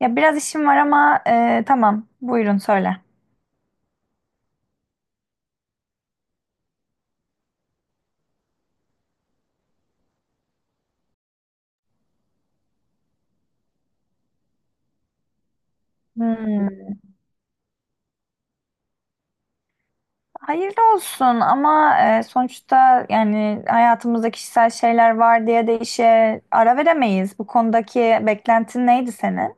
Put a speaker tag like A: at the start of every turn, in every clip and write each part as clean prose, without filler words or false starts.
A: Ya biraz işim var ama tamam. Buyurun söyle. Hmm. Hayırlı olsun ama sonuçta yani hayatımızda kişisel şeyler var diye de işe ara veremeyiz. Bu konudaki beklentin neydi senin?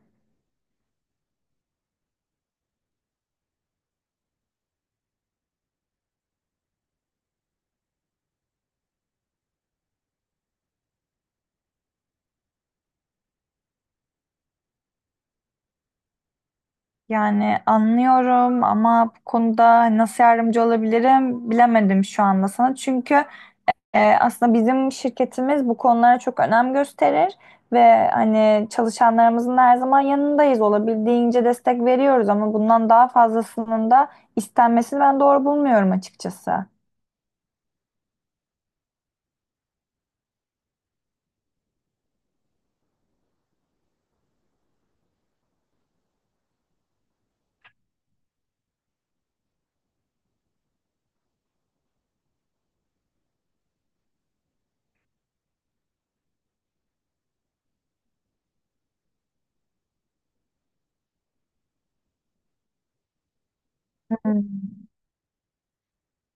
A: Yani anlıyorum ama bu konuda nasıl yardımcı olabilirim bilemedim şu anda sana. Çünkü aslında bizim şirketimiz bu konulara çok önem gösterir ve hani çalışanlarımızın da her zaman yanındayız. Olabildiğince destek veriyoruz ama bundan daha fazlasının da istenmesini ben doğru bulmuyorum açıkçası. Hmm.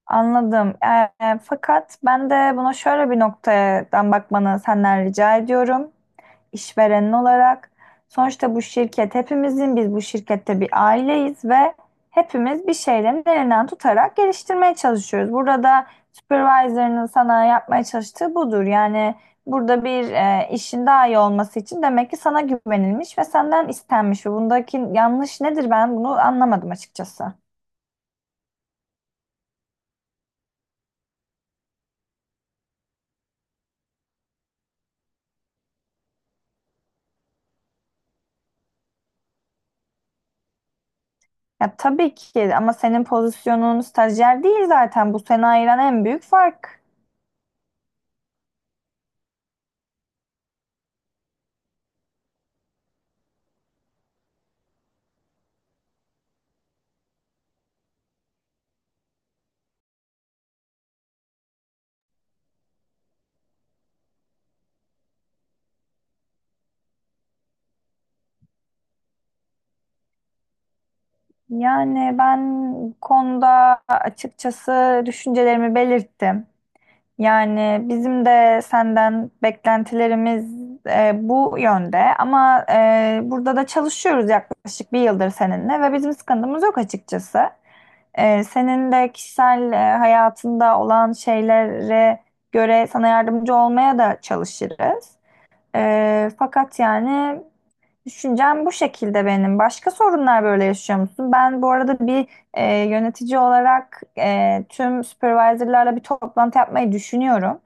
A: Anladım. Fakat ben de buna şöyle bir noktadan bakmanı senden rica ediyorum. İşverenin olarak. Sonuçta bu şirket hepimizin, biz bu şirkette bir aileyiz ve hepimiz bir şeylerin elinden tutarak geliştirmeye çalışıyoruz. Burada da supervisor'ının sana yapmaya çalıştığı budur. Yani burada bir işin daha iyi olması için demek ki sana güvenilmiş ve senden istenmiş. Ve bundaki yanlış nedir, ben bunu anlamadım açıkçası. Ya tabii ki ama senin pozisyonun stajyer değil zaten. Bu seni ayıran en büyük fark. Yani ben bu konuda açıkçası düşüncelerimi belirttim. Yani bizim de senden beklentilerimiz bu yönde ama burada da çalışıyoruz yaklaşık bir yıldır seninle ve bizim sıkıntımız yok açıkçası. E, senin de kişisel hayatında olan şeylere göre sana yardımcı olmaya da çalışırız. Fakat yani düşüncem bu şekilde benim. Başka sorunlar böyle yaşıyor musun? Ben bu arada bir yönetici olarak tüm supervisorlarla bir toplantı yapmayı düşünüyorum.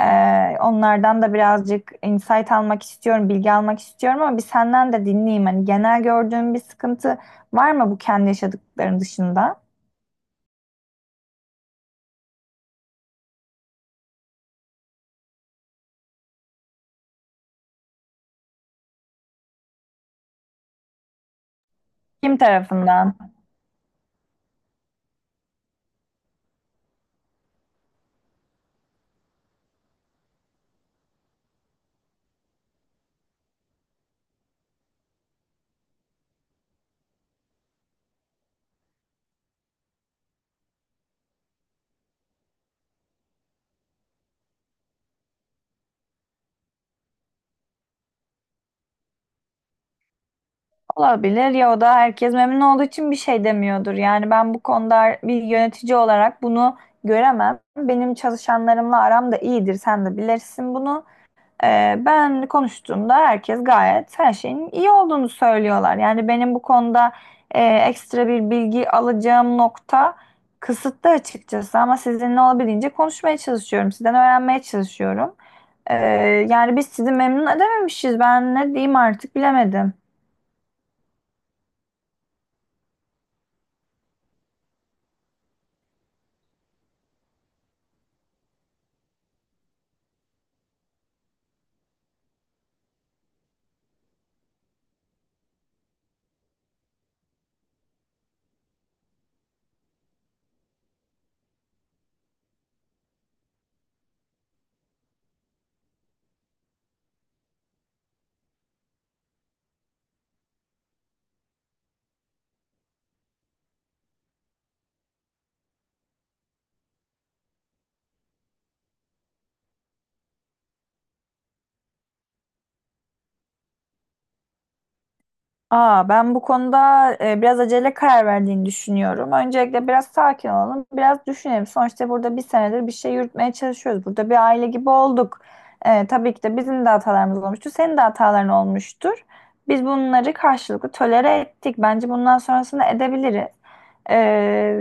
A: Onlardan da birazcık insight almak istiyorum, bilgi almak istiyorum ama bir senden de dinleyeyim. Hani genel gördüğün bir sıkıntı var mı bu kendi yaşadıkların dışında? Kim tarafından? Olabilir ya, o da herkes memnun olduğu için bir şey demiyordur. Yani ben bu konuda bir yönetici olarak bunu göremem. Benim çalışanlarımla aram da iyidir. Sen de bilirsin bunu. Ben konuştuğumda herkes gayet her şeyin iyi olduğunu söylüyorlar. Yani benim bu konuda ekstra bir bilgi alacağım nokta kısıtlı açıkçası. Ama sizinle olabildiğince konuşmaya çalışıyorum. Sizden öğrenmeye çalışıyorum. Ee, Yani biz sizi memnun edememişiz. Ben ne diyeyim artık bilemedim. Aa, ben bu konuda biraz acele karar verdiğini düşünüyorum. Öncelikle biraz sakin olalım, biraz düşünelim. Sonuçta burada bir senedir bir şey yürütmeye çalışıyoruz. Burada bir aile gibi olduk. E, tabii ki de bizim de hatalarımız olmuştu, senin de hataların olmuştur. Biz bunları karşılıklı tolere ettik. Bence bundan sonrasını edebiliriz. E,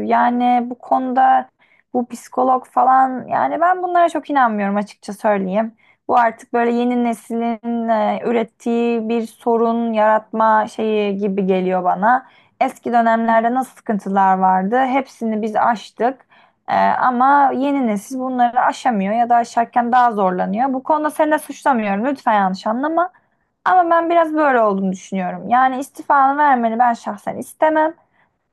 A: Yani bu konuda bu psikolog falan, yani ben bunlara çok inanmıyorum, açıkça söyleyeyim. Bu artık böyle yeni neslin ürettiği bir sorun yaratma şeyi gibi geliyor bana. Eski dönemlerde nasıl sıkıntılar vardı? Hepsini biz aştık. E, ama yeni nesil bunları aşamıyor ya da aşarken daha zorlanıyor. Bu konuda seni de suçlamıyorum. Lütfen yanlış anlama. Ama ben biraz böyle olduğunu düşünüyorum. Yani istifanı vermeni ben şahsen istemem.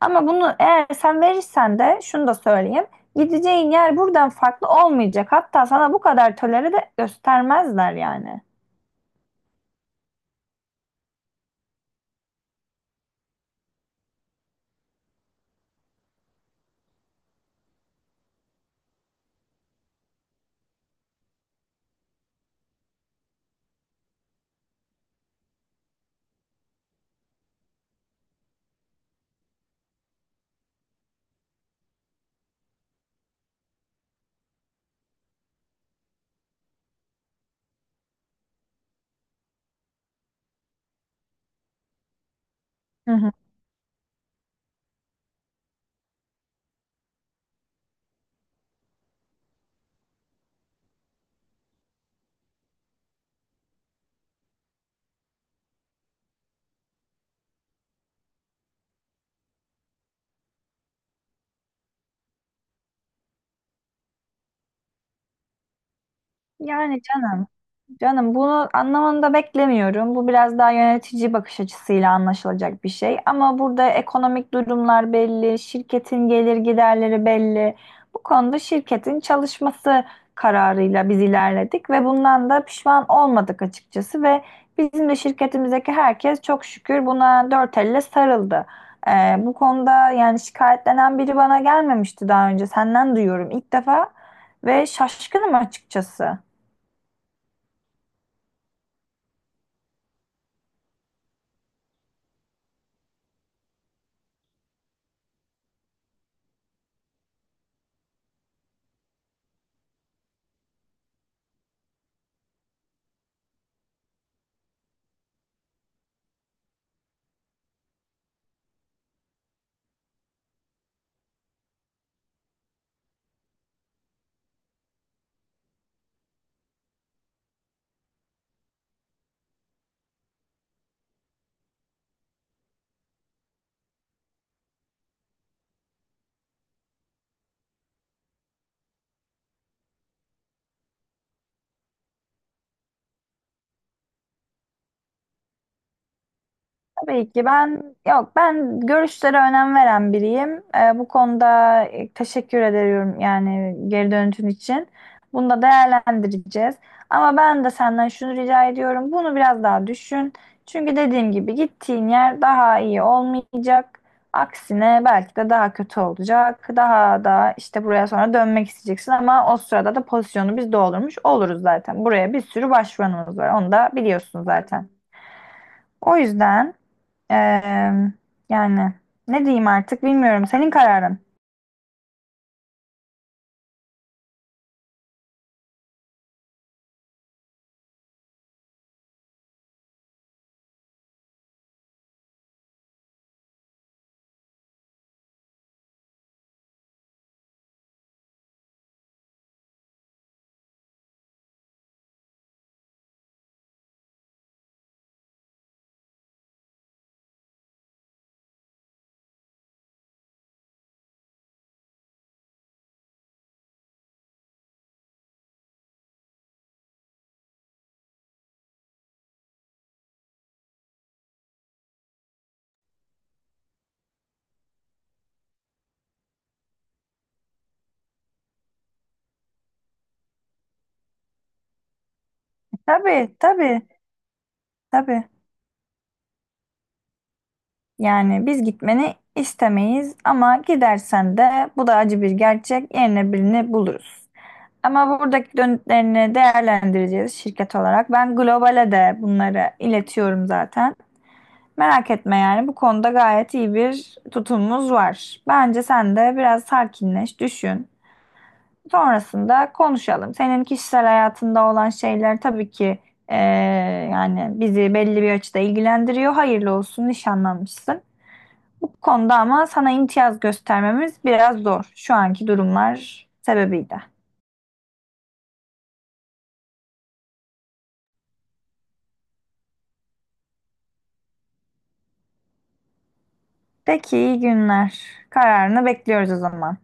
A: Ama bunu eğer sen verirsen de şunu da söyleyeyim. Gideceğin yer buradan farklı olmayacak. Hatta sana bu kadar tolere de göstermezler yani. Hı hı. Yani canım. Canım, bunu anlamanı da beklemiyorum. Bu biraz daha yönetici bakış açısıyla anlaşılacak bir şey. Ama burada ekonomik durumlar belli, şirketin gelir giderleri belli. Bu konuda şirketin çalışması kararıyla biz ilerledik ve bundan da pişman olmadık açıkçası ve bizim de şirketimizdeki herkes çok şükür buna dört elle sarıldı. Bu konuda yani şikayetlenen biri bana gelmemişti daha önce. Senden duyuyorum ilk defa ve şaşkınım açıkçası. Tabii ki ben yok, ben görüşlere önem veren biriyim. Bu konuda teşekkür ediyorum, yani geri dönütün için. Bunu da değerlendireceğiz. Ama ben de senden şunu rica ediyorum. Bunu biraz daha düşün. Çünkü dediğim gibi gittiğin yer daha iyi olmayacak. Aksine belki de daha kötü olacak. Daha da işte buraya sonra dönmek isteyeceksin ama o sırada da pozisyonu biz doldurmuş oluruz zaten. Buraya bir sürü başvuranımız var. Onu da biliyorsun zaten. O yüzden Eee, yani ne diyeyim artık bilmiyorum. Senin kararın. Tabii, tabii, tabii. Yani biz gitmeni istemeyiz ama gidersen de bu da acı bir gerçek. Yerine birini buluruz. Ama buradaki dönütlerini değerlendireceğiz şirket olarak. Ben globale de bunları iletiyorum zaten. Merak etme, yani bu konuda gayet iyi bir tutumumuz var. Bence sen de biraz sakinleş, düşün. Sonrasında konuşalım. Senin kişisel hayatında olan şeyler tabii ki eee, yani bizi belli bir açıda ilgilendiriyor. Hayırlı olsun, nişanlanmışsın. Bu konuda ama sana imtiyaz göstermemiz biraz zor. Şu anki durumlar sebebiyle. Peki, iyi günler. Kararını bekliyoruz o zaman.